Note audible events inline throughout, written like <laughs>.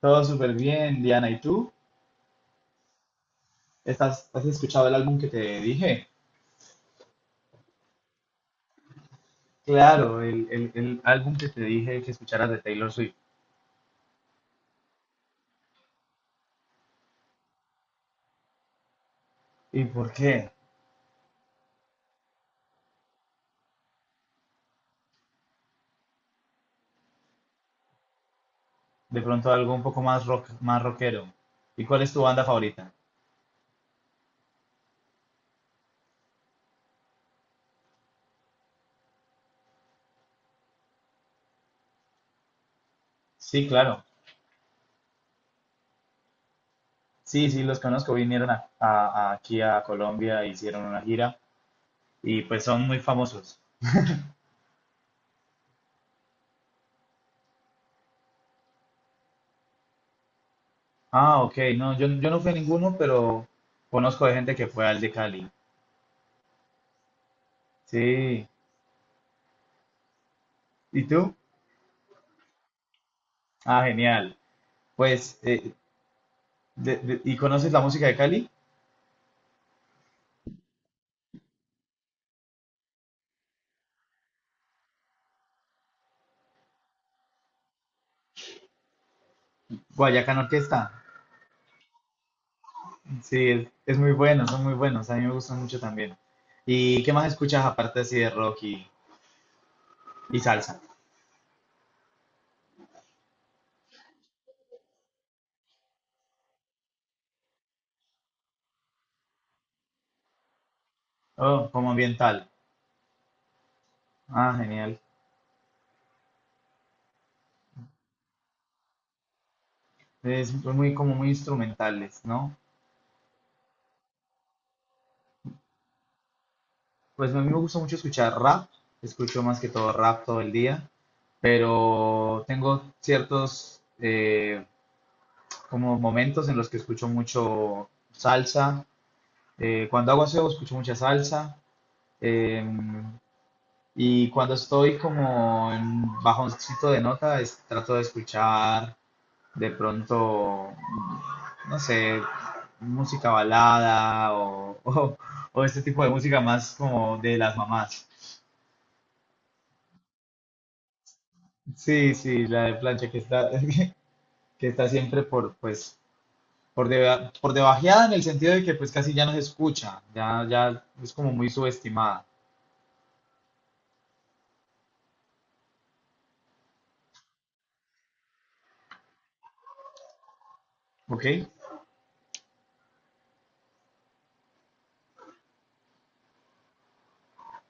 Todo súper bien, Diana. ¿Y tú? Has escuchado el álbum que te dije? Claro, el álbum que te dije que escucharas de Taylor Swift. ¿Y por qué? De pronto algo un poco más rock, más rockero. ¿Y cuál es tu banda favorita? Sí, claro. Sí, sí, los conozco. Vinieron aquí a Colombia, hicieron una gira y pues son muy famosos. Ah, ok. No, yo no fui a ninguno, pero conozco de gente que fue al de Cali. Sí. ¿Y tú? Ah, genial. Pues ¿y conoces la música de Cali? Guayacán Orquesta. Sí, es muy bueno, son muy buenos. A mí me gustan mucho también. ¿Y qué más escuchas aparte así de rock y salsa? Oh, como ambiental. Ah, genial. Es muy como muy instrumentales, ¿no? Pues a mí me gusta mucho escuchar rap. Escucho más que todo rap todo el día. Pero tengo ciertos como momentos en los que escucho mucho salsa. Cuando hago aseo escucho mucha salsa. Em, Y cuando estoy como en bajoncito de nota, trato de escuchar de pronto, no sé, música balada o, <laughs> o este tipo de música más como de las mamás. Sí, sí, la de plancha que está, <laughs> que está siempre pues, por debajeada en el sentido de que pues casi ya no se escucha, ya es como muy subestimada, ¿ok?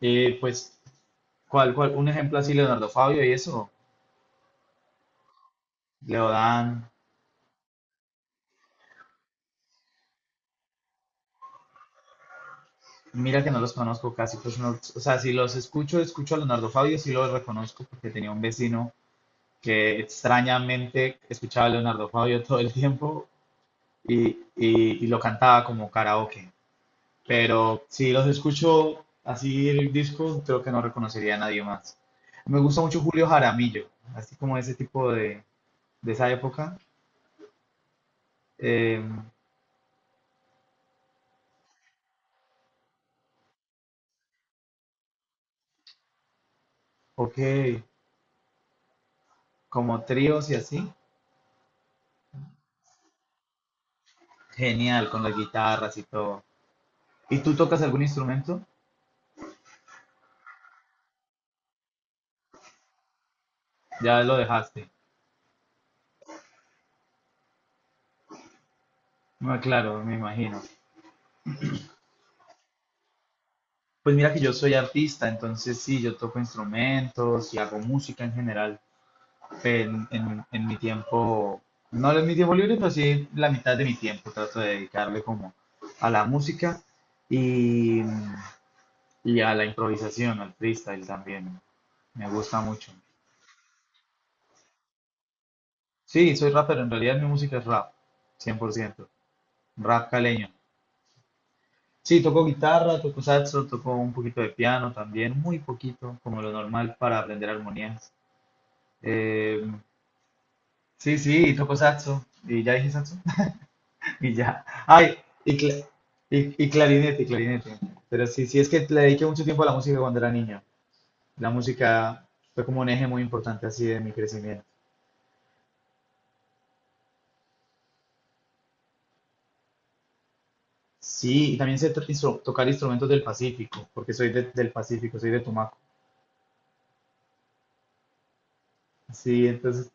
Pues, ¿cuál? Un ejemplo así, Leonardo Fabio y eso, Leodán. Mira que no los conozco casi, pues no, o sea, si los escucho, escucho a Leonardo Fabio, sí los reconozco porque tenía un vecino que extrañamente escuchaba a Leonardo Fabio <laughs> todo el tiempo y, y lo cantaba como karaoke. Pero si los escucho así el disco, creo que no reconocería a nadie más. Me gusta mucho Julio Jaramillo, así como ese tipo de esa época. Eh, ok, como tríos y así. Genial, con las guitarras y todo. ¿Y tú tocas algún instrumento? Ya lo dejaste. Ah, claro, me imagino. Pues mira que yo soy artista, entonces sí, yo toco instrumentos y hago música en general en mi tiempo, no en mi tiempo libre, pero sí la mitad de mi tiempo trato de dedicarle como a la música y, y a la improvisación, al freestyle también. Me gusta mucho. Sí, soy rapero, en realidad mi música es rap, 100% rap caleño. Sí, tocó guitarra, tocó saxo, tocó un poquito de piano también, muy poquito, como lo normal para aprender armonías. Eh, sí, sí, tocó saxo. ¿Y ya dije saxo? <laughs> Y ya. Ay, y, cla- y clarinete, Pero sí, sí, es que le dediqué mucho tiempo a la música cuando era niño. La música fue como un eje muy importante así de mi crecimiento. Sí, y también sé tocar instrumentos del Pacífico, porque soy del Pacífico, soy de Tumaco. Sí, entonces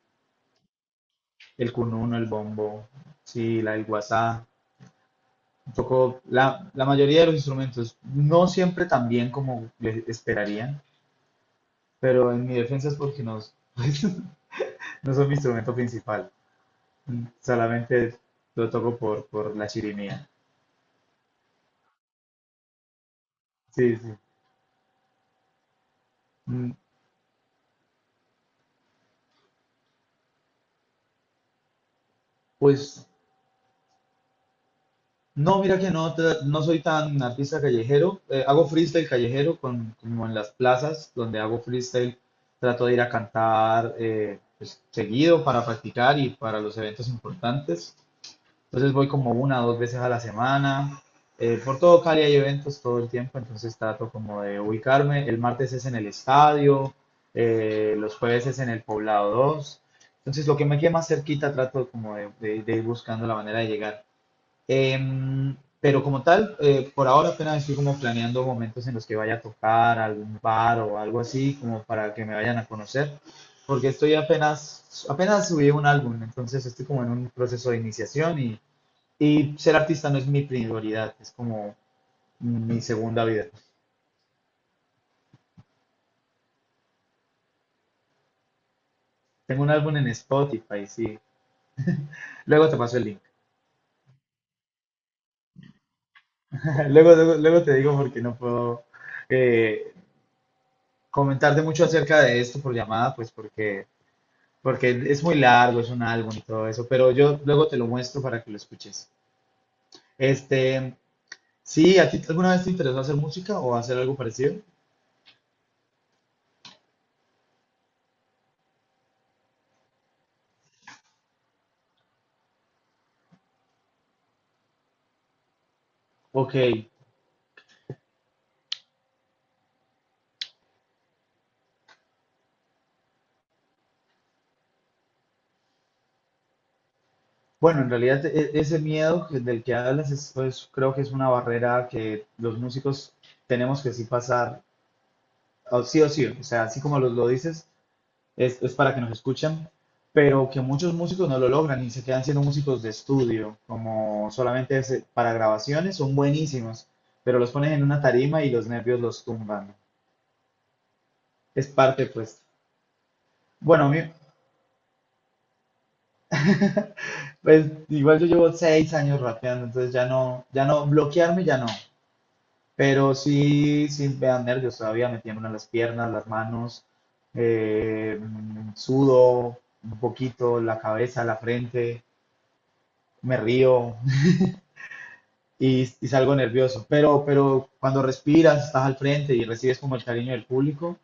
el cununo, el bombo, sí, el guasá. Un poco la mayoría de los instrumentos, no siempre tan bien como les esperarían, pero en mi defensa es porque no, <laughs> pues, no son mi instrumento principal, solamente lo toco por la chirimía. Sí, sí. Mm, Pues no, mira que no, no soy tan artista callejero, hago freestyle callejero como en las plazas donde hago freestyle, trato de ir a cantar pues, seguido para practicar y para los eventos importantes. Entonces voy como una o dos veces a la semana. Por todo Cali hay eventos todo el tiempo, entonces trato como de ubicarme. El martes es en el estadio, los jueves es en el Poblado 2. Entonces lo que me quede más cerquita trato como de ir buscando la manera de llegar. Pero como tal, por ahora apenas estoy como planeando momentos en los que vaya a tocar algún bar o algo así, como para que me vayan a conocer, porque estoy apenas, apenas subí un álbum, entonces estoy como en un proceso de iniciación y ser artista no es mi prioridad, es como mi segunda vida. Tengo un álbum en Spotify, sí. Luego te paso el link. <laughs> Luego te digo porque no puedo eh, comentarte mucho acerca de esto por llamada, pues porque es muy largo, es un álbum y todo eso, pero yo luego te lo muestro para que lo escuches. Este, sí, ¿a ti alguna vez te interesó hacer música o hacer algo parecido? Ok, bueno, en realidad ese miedo del que hablas creo que es una barrera que los músicos tenemos que sí pasar, o sí o sí, o sea, así como lo dices, es para que nos escuchen, pero que muchos músicos no lo logran y se quedan siendo músicos de estudio, como solamente para grabaciones, son buenísimos, pero los ponen en una tarima y los nervios los tumban. Es parte, pues. Bueno, a mí, pues igual yo llevo 6 años rapeando, entonces ya no, ya no, bloquearme ya no. Pero sí, sí me dan nervios todavía, me tiemblan las piernas, las manos, eh, sudo un poquito, la cabeza, la frente, me río <laughs> y salgo nervioso. Pero cuando respiras, estás al frente y recibes como el cariño del público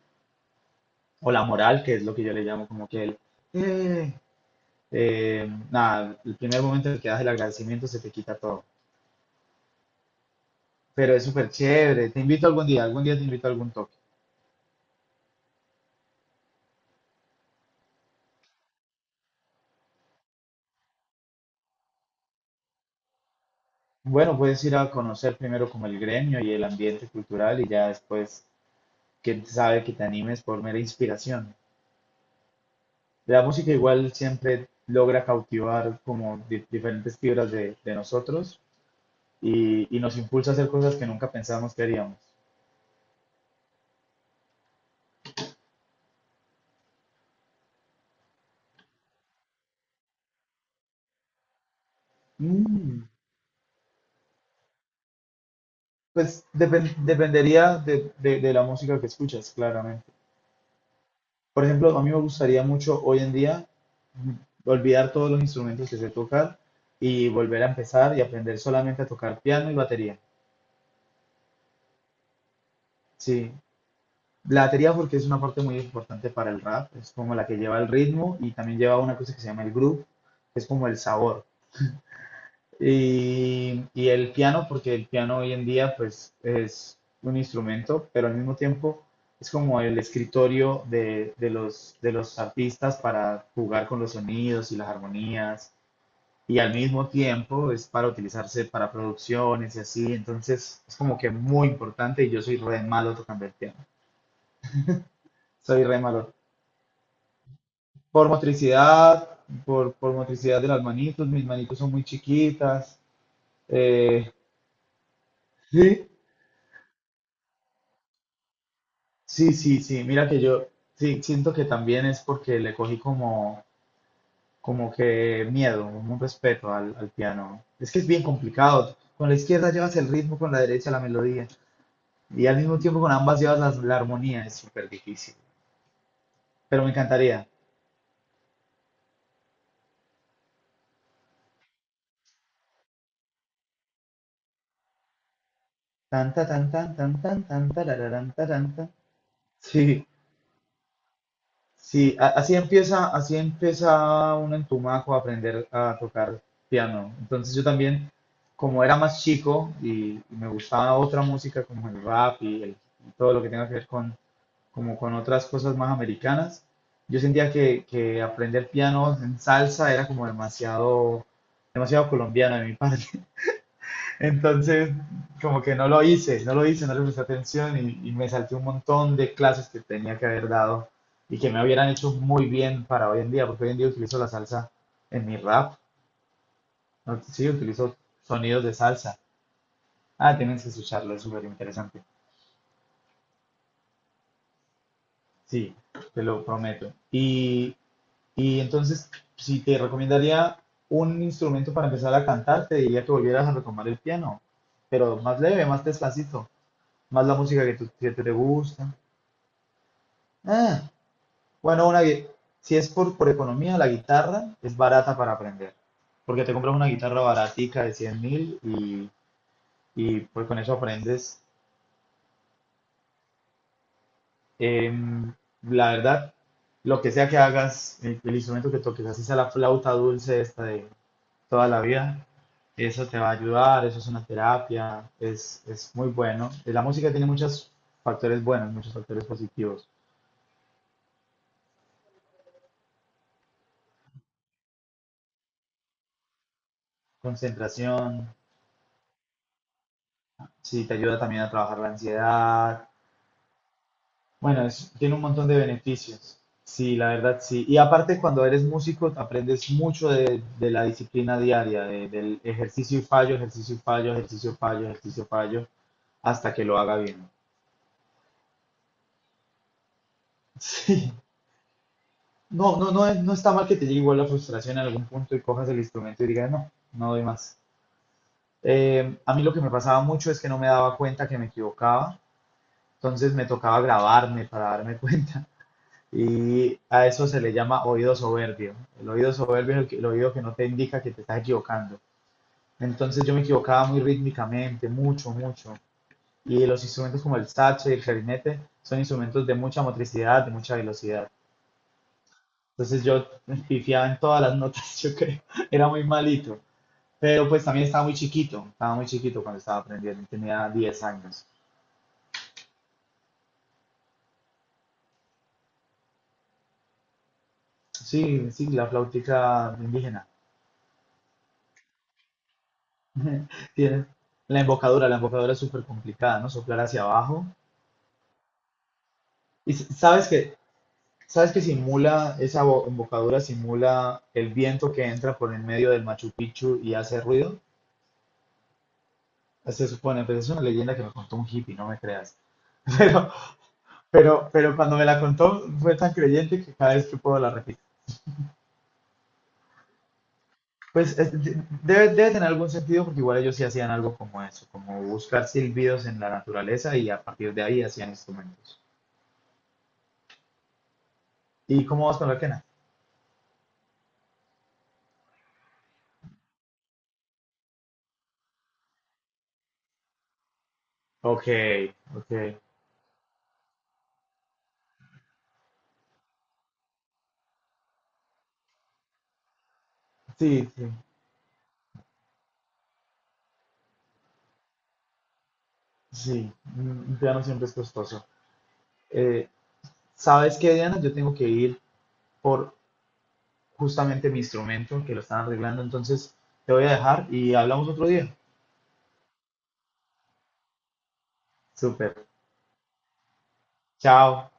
o la moral, que es lo que yo le llamo como que el... "Eh", nada, el primer momento en el que das el agradecimiento se te quita todo. Pero es súper chévere. Te invito algún día te invito a algún toque. Bueno, puedes ir a conocer primero como el gremio y el ambiente cultural y ya después, quién sabe, que te animes por mera inspiración. La música igual siempre logra cautivar como diferentes fibras de nosotros y nos impulsa a hacer cosas que nunca pensamos que haríamos. Mm, pues dependería de la música que escuchas, claramente. Por ejemplo, a mí me gustaría mucho hoy en día olvidar todos los instrumentos que sé tocar y volver a empezar y aprender solamente a tocar piano y batería. Sí, la batería porque es una parte muy importante para el rap, es como la que lleva el ritmo y también lleva una cosa que se llama el groove, que es como el sabor. Y el piano porque el piano hoy en día pues es un instrumento, pero al mismo tiempo es como el escritorio de los artistas para jugar con los sonidos y las armonías y al mismo tiempo es para utilizarse para producciones y así, entonces es como que muy importante y yo soy re malo tocando el piano, soy re malo. Por motricidad, por motricidad de las manitos, mis manitos son muy chiquitas. eh, sí, sí, sí, sí, mira que yo sí, siento que también es porque le cogí como que miedo, un respeto al piano. Es que es bien complicado, con la izquierda llevas el ritmo, con la derecha la melodía. Y al mismo tiempo con ambas llevas la armonía, es súper difícil. Pero me encantaría. Tan, ta, tan, tan, tan, tan, tan, tarararán, tarán, tan. Sí, sí, así empieza uno en Tumaco a aprender a tocar piano. Entonces yo también, como era más chico y me gustaba otra música como el rap y todo lo que tenga que ver como con otras cosas más americanas, yo sentía que aprender piano en salsa era como demasiado, demasiado colombiano de mi parte. Entonces, como que no lo hice, no lo hice, no le presté atención y me salté un montón de clases que tenía que haber dado y que me hubieran hecho muy bien para hoy en día, porque hoy en día utilizo la salsa en mi rap, ¿no? Sí, utilizo sonidos de salsa. Ah, tienes que escucharlo, es súper interesante. Sí, te lo prometo. Y entonces, si te recomendaría un instrumento para empezar a cantar, te diría que volvieras a retomar el piano, pero más leve, más despacito, más la música que te gusta. Ah, bueno, si es por economía, la guitarra es barata para aprender, porque te compras una guitarra baratica de 100.000 y, pues con eso aprendes. Em, la verdad, lo que sea que hagas, el instrumento que toques, así sea la flauta dulce esta de toda la vida, eso te va a ayudar, eso es una terapia, es muy bueno. La música tiene muchos factores buenos, muchos factores positivos. Concentración, sí, te ayuda también a trabajar la ansiedad. Bueno, tiene un montón de beneficios. Sí, la verdad sí. Y aparte cuando eres músico aprendes mucho de la disciplina diaria, del ejercicio y fallo, ejercicio y fallo, ejercicio y fallo, ejercicio y fallo, hasta que lo haga bien. Sí. No, no, no, no está mal que te llegue igual la frustración en algún punto y cojas el instrumento y digas, no, no doy más. A mí lo que me pasaba mucho es que no me daba cuenta que me equivocaba, entonces me tocaba grabarme para darme <laughs> cuenta. Y a eso se le llama oído soberbio. El oído soberbio es el oído que no te indica que te estás equivocando. Entonces yo me equivocaba muy rítmicamente, mucho, mucho. Y los instrumentos como el saxo y el clarinete son instrumentos de mucha motricidad, de mucha velocidad. Entonces yo <laughs> pifiaba en todas las notas, <laughs> yo creo. Era muy malito. Pero pues también estaba muy chiquito cuando estaba aprendiendo, tenía 10 años. Sí, sí, la flautica indígena. <laughs> Tiene- la embocadura es súper complicada, ¿no? Soplar hacia abajo. Y sabes que simula, esa embocadura simula el viento que entra por en medio del Machu Picchu y hace ruido. Se supone, pues es una leyenda que me contó un hippie, no me creas. <laughs> Pero, pero cuando me la contó fue tan creyente que cada vez que puedo la repito. Pues debe tener algún sentido porque igual ellos sí hacían algo como eso, como buscar silbidos en la naturaleza y a partir de ahí hacían instrumentos. ¿Y cómo vas con la quena? Ok, ok. Sí, sí, sí. Un piano siempre es costoso. Eh, ¿Sabes qué, Diana? Yo tengo que ir por justamente mi instrumento que lo están arreglando, entonces te voy a dejar y hablamos otro día. Súper. Chao.